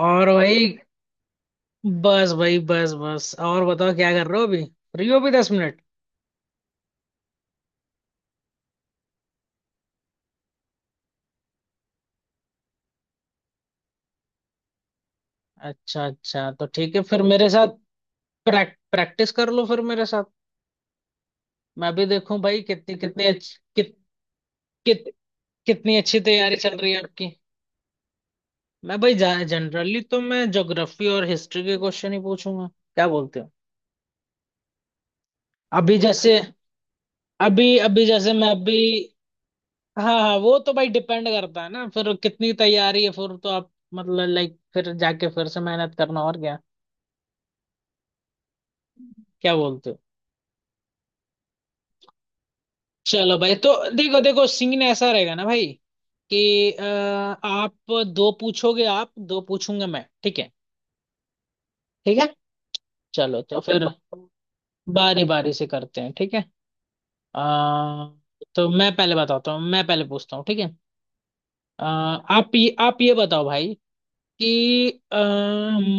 और भाई। बस भाई, बस बस। और बताओ, क्या कर रहे हो? अभी फ्री हो भी? 10 मिनट? अच्छा अच्छा, तो ठीक है फिर मेरे साथ प्रैक्टिस कर लो। फिर मेरे साथ मैं भी देखूं भाई, कितनी कितनी अच्छी कित, कितनी अच्छी तैयारी चल रही है आपकी। मैं भाई जनरली तो मैं ज्योग्राफी और हिस्ट्री के क्वेश्चन ही पूछूंगा, क्या बोलते हो? अभी जैसे, अभी अभी जैसे मैं अभी। हाँ हाँ, वो तो भाई डिपेंड करता है ना, फिर कितनी तैयारी है, फिर तो आप मतलब लाइक, फिर जाके फिर से मेहनत करना और क्या, क्या बोलते हो? चलो भाई, तो देखो देखो सीन ऐसा रहेगा ना भाई, कि आप दो पूछोगे, आप दो पूछूंगा मैं, ठीक है? ठीक है। चलो तो फिर बारी बारी से करते हैं ठीक है। आ, तो मैं पहले बताता हूँ, मैं पहले पूछता हूँ, ठीक है। आप ये बताओ भाई कि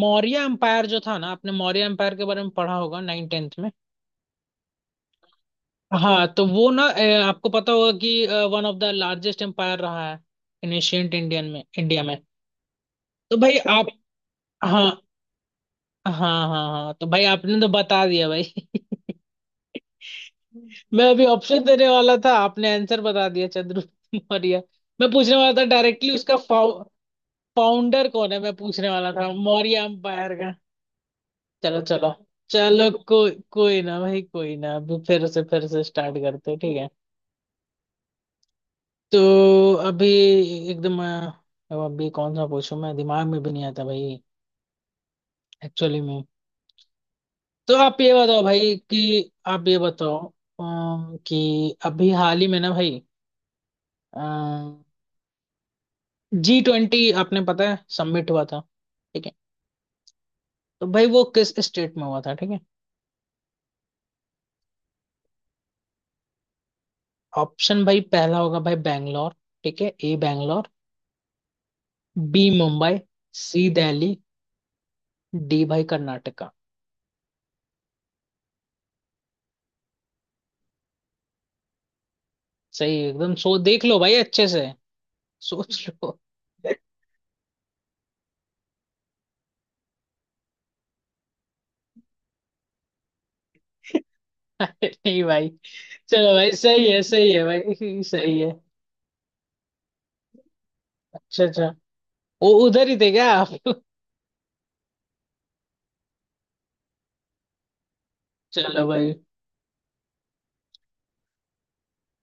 मौर्य एम्पायर जो था ना, आपने मौर्य एम्पायर के बारे में पढ़ा होगा नाइन टेंथ में। हाँ, तो वो ना आपको पता होगा कि one of the largest empire रहा है इन एशियंट इंडियन में, इंडिया में। तो भाई आप, हाँ, हाँ, हाँ हाँ, तो भाई आपने तो बता दिया भाई मैं अभी ऑप्शन देने वाला था, आपने आंसर बता दिया, चंद्रगुप्त मौर्य। मैं पूछने वाला था डायरेक्टली उसका फाउंडर कौन है, मैं पूछने वाला था मौर्य एम्पायर। चलो चलो। चलो, कोई कोई ना भाई, कोई ना, अभी फिर से स्टार्ट करते हैं ठीक है। तो अभी एकदम अब अभी कौन सा पूछूं, मैं दिमाग में भी नहीं आता भाई, एक्चुअली में। तो आप ये बताओ कि अभी हाल ही में ना भाई, G20 आपने पता है सबमिट हुआ था, ठीक है। तो भाई वो किस स्टेट में हुआ था, ठीक है। ऑप्शन भाई पहला होगा भाई बैंगलोर, ठीक है। A Bangalore, B Mumbai, C Delhi, D भाई कर्नाटका। सही एकदम, सो देख लो भाई अच्छे से, सोच लो। अरे नहीं भाई। चलो भाई सही है, सही है भाई सही है। अच्छा अच्छा, वो उधर ही थे क्या आप? चलो भाई।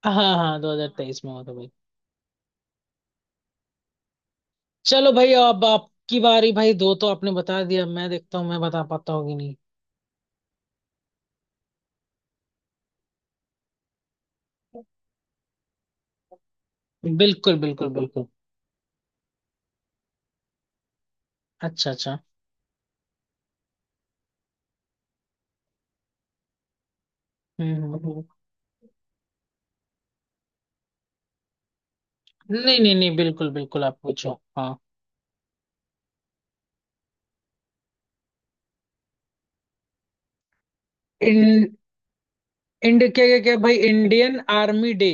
हाँ हाँ, 2023 में हुआ था भाई। चलो भाई, अब आपकी बारी भाई, दो तो आपने बता दिया, मैं देखता हूँ मैं बता पाता होगी नहीं। बिल्कुल बिल्कुल बिल्कुल। अच्छा अच्छा। हम्म हम्म, हम्म। नहीं नहीं नहीं, बिल्कुल बिल्कुल, आप पूछो। हाँ। इन इंड क्या क्या क्या भाई, इंडियन आर्मी डे।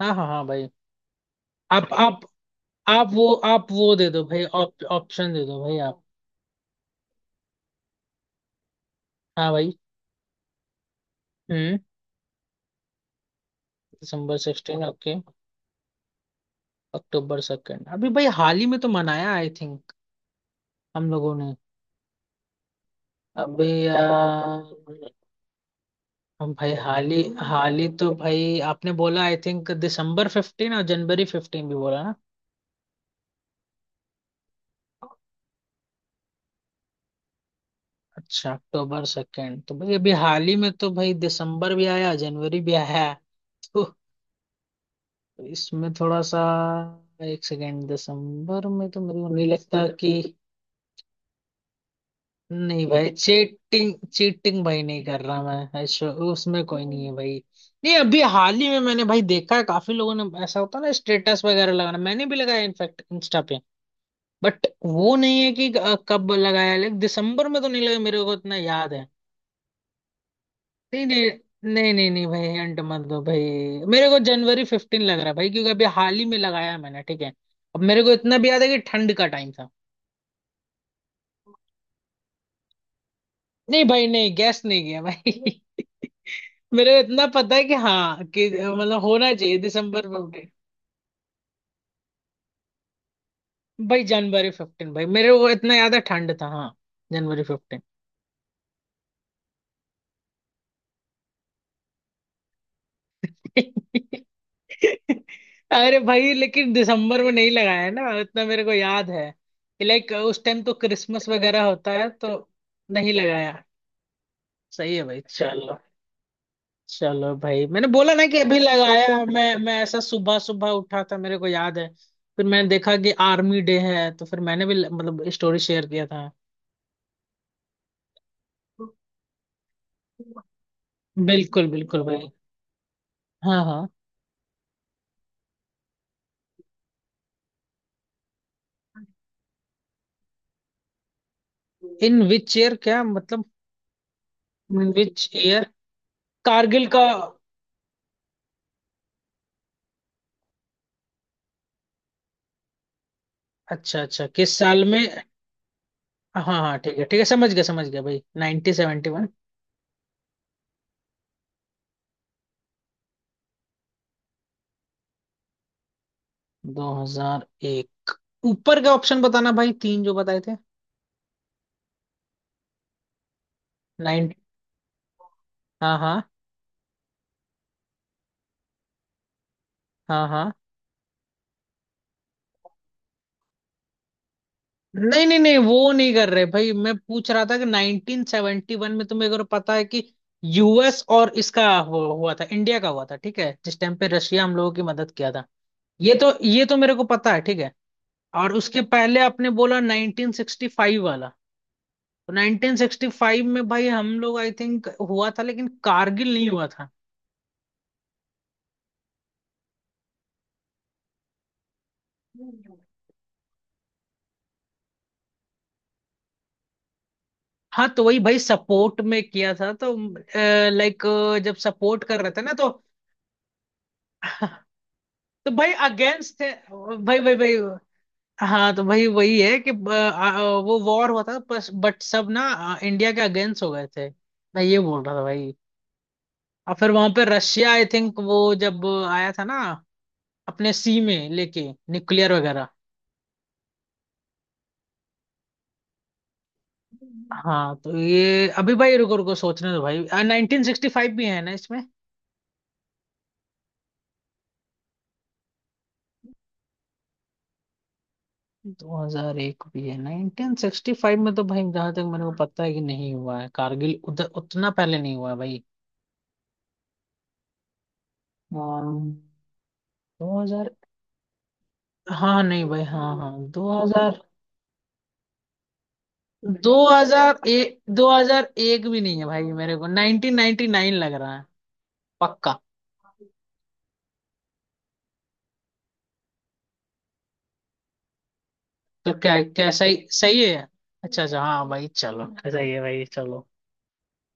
हाँ हाँ हाँ भाई। आप आप आप वो दे दो भाई, ऑप्शन दे दो भाई आप। हाँ भाई। हम्म। December sixteen, okay. October second. अभी भाई हाल ही में तो मनाया आई थिंक, हम लोगों ने। अभी हम भाई हाल ही, हाल ही तो भाई आपने बोला आई थिंक दिसंबर फिफ्टीन, और जनवरी फिफ्टीन भी बोला ना। अच्छा, अक्टूबर सेकेंड तो भाई अभी हाल ही में तो भाई, दिसंबर भी आया, जनवरी भी आया। तो तो इसमें थोड़ा सा, एक सेकेंड, दिसंबर में तो मेरे को नहीं लगता कि। नहीं भाई, चीटिंग चीटिंग भाई नहीं कर रहा मैं, ऐसा- उसमें कोई नहीं है भाई। नहीं, अभी हाल ही में मैंने भाई देखा है, काफी लोगों ने ऐसा होता है ना, स्टेटस वगैरह लगाना, मैंने भी लगाया इनफैक्ट इंस्टा पे। बट वो नहीं है कि कब लगाया, लेकिन दिसंबर में तो नहीं लगा, मेरे को इतना याद है। नहीं नहीं, नहीं भाई, हिंट मत दो भाई। मेरे को जनवरी फिफ्टीन लग रहा है भाई, क्योंकि अभी हाल ही में लगाया है मैंने, ठीक है। अब मेरे को इतना भी याद है कि ठंड का टाइम था। नहीं भाई, नहीं गैस नहीं किया भाई मेरे को इतना पता है कि हाँ, कि मतलब होना चाहिए दिसंबर में। भाई जनवरी फिफ्टीन भाई, मेरे को इतना याद है ठंड था, हाँ, जनवरी फिफ्टीन। अरे भाई, लेकिन दिसंबर में नहीं लगाया है ना, इतना मेरे को याद है। लाइक, उस टाइम तो क्रिसमस वगैरह होता है तो नहीं लगाया। सही है भाई चलो। चलो भाई, मैंने बोला ना कि अभी लगाया, मैं ऐसा सुबह सुबह उठा था, मेरे को याद है। फिर मैंने देखा कि आर्मी डे है, तो फिर मैंने भी मतलब स्टोरी शेयर किया था। बिल्कुल बिल्कुल भाई। हाँ हाँ। इन विच ईयर क्या मतलब? इन विच ईयर, कारगिल का। अच्छा अच्छा, किस साल में। हाँ हाँ, ठीक है ठीक है, समझ गया भाई, 1971। 2001, ऊपर का ऑप्शन बताना भाई, तीन जो बताए थे। नाइन। हाँ, हाँ, हाँ हाँ। नहीं नहीं नहीं, वो नहीं कर रहे भाई, मैं पूछ रहा था कि 1971 में तुम्हें अगर पता है कि, यूएस और इसका हुआ था, इंडिया का हुआ था, ठीक है, जिस टाइम पे रशिया हम लोगों की मदद किया था। ये तो, ये तो मेरे को पता है ठीक है। और उसके पहले आपने बोला 1965 वाला। तो 1965 में भाई हम लोग आई थिंक हुआ था, लेकिन कारगिल नहीं हुआ था। हाँ, तो वही भाई, सपोर्ट में किया था तो, लाइक, जब सपोर्ट कर रहे थे ना तो तो भाई अगेंस्ट थे भाई, भाई भाई। हाँ, तो वही वही है कि ब- आ, आ, वो वॉर हुआ था बस, बट सब ना इंडिया के अगेंस्ट हो गए थे, मैं ये बोल रहा था भाई। और फिर वहां पे रशिया आई थिंक, वो जब आया था ना, अपने सी में लेके, न्यूक्लियर वगैरह। हाँ तो ये अभी भाई, रुको रुको, सोचने दो भाई, 1965 भी है ना इसमें, 2001 भी है। 1965 में तो भाई जहां तक मेरे को पता है कि नहीं हुआ है कारगिल, उधर उतना पहले नहीं हुआ है भाई। दो हजार, हाँ नहीं भाई, हाँ हाँ दो हजार 2000 2001 भी नहीं है भाई, मेरे को 1999 लग रहा है पक्का। तो क्या, क्या सही, सही है? अच्छा अच्छा, हाँ भाई चलो, सही है भाई चलो।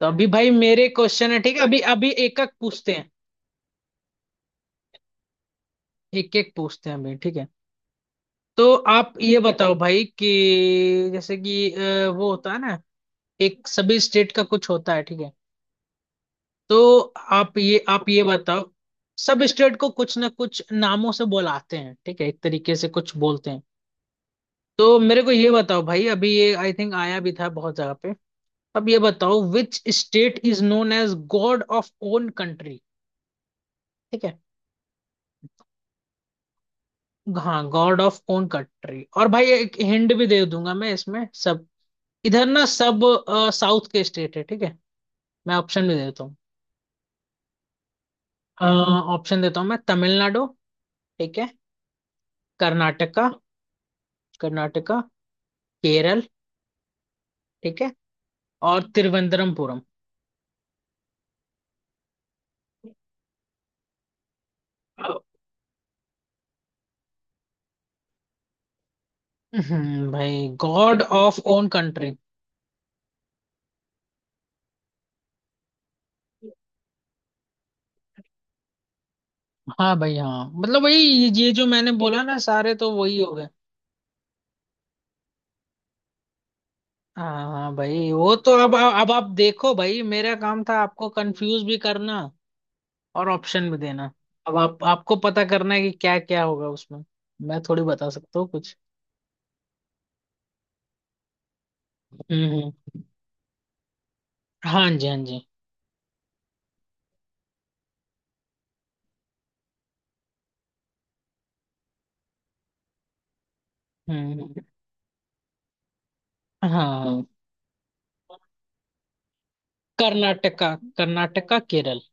तो अभी भाई मेरे क्वेश्चन है ठीक है, अभी अभी एक एक पूछते हैं, एक एक पूछते हैं अभी ठीक है। तो आप ये बताओ भाई कि, जैसे कि वो होता है ना, एक सभी स्टेट का कुछ होता है ठीक है। तो आप ये बताओ। सब स्टेट को कुछ ना कुछ नामों से बुलाते हैं, ठीक है, एक तरीके से कुछ बोलते हैं। तो मेरे को ये बताओ भाई, अभी ये आई थिंक आया भी था बहुत जगह पे। अब ये बताओ, which state is known as God of own country, ठीक है। हाँ, गॉड ऑफ ओन कंट्री। और भाई, एक हिंट भी दे दूंगा मैं, इसमें सब, इधर ना, सब साउथ के स्टेट है ठीक है। मैं ऑप्शन भी देता हूँ। अ, ऑप्शन देता हूँ मैं, तमिलनाडु, ठीक है, कर्नाटका, कर्नाटका, केरल, ठीक है, और तिरुवनंतपुरम। भाई, गॉड ऑफ ओन कंट्री। हाँ भाई हाँ, मतलब वही, ये जो मैंने बोला ना सारे, तो वही हो गए। हाँ हाँ भाई, वो तो। अब आप देखो भाई, मेरा काम था आपको कंफ्यूज भी करना और ऑप्शन भी देना, अब आप, आपको पता करना है कि क्या क्या होगा उसमें, मैं थोड़ी बता सकता हूँ कुछ। हम्म। हाँ जी, हाँ जी। हम्म हम्म, हाँ। कर्नाटका, कर्नाटका, केरल।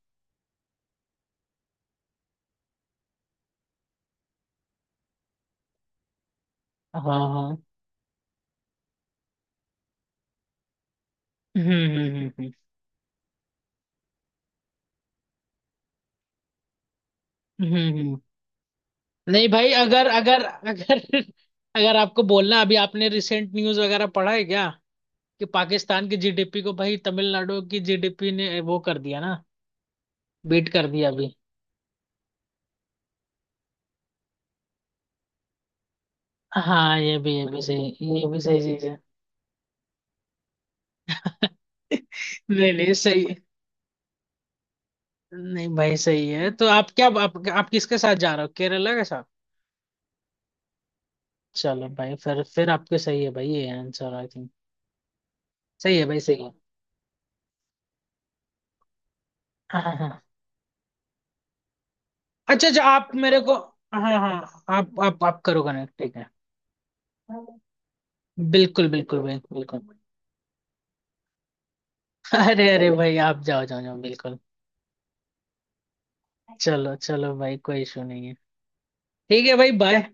हाँ हाँ। हम्म हम्म। हम्म, हम्म। नहीं भाई, अगर अगर, अगर अगर आपको बोलना, अभी आपने रिसेंट न्यूज वगैरह पढ़ा है क्या, कि पाकिस्तान की जीडीपी को भाई तमिलनाडु की जीडीपी ने वो कर दिया ना, बीट कर दिया अभी। हाँ, ये भी सही, ये भी सही चीज है। नहीं नहीं, सही है। नहीं भाई सही है। तो आप क्या, आप किसके साथ जा रहे हो, केरला के साथ? चलो भाई फिर आपके सही है भाई, ये आंसर आई थिंक सही है भाई, सही है। हाँ, हाँ, हाँ। अच्छा अच्छा, आप मेरे को। हाँ हाँ, आप आप करो कनेक्ट, ठीक है। बिल्कुल बिल्कुल भाई, बिल्कुल। अरे अरे भाई, आप जाओ जाओ जाओ, बिल्कुल। चलो चलो भाई, कोई इशू नहीं है। ठीक है भाई, बाय।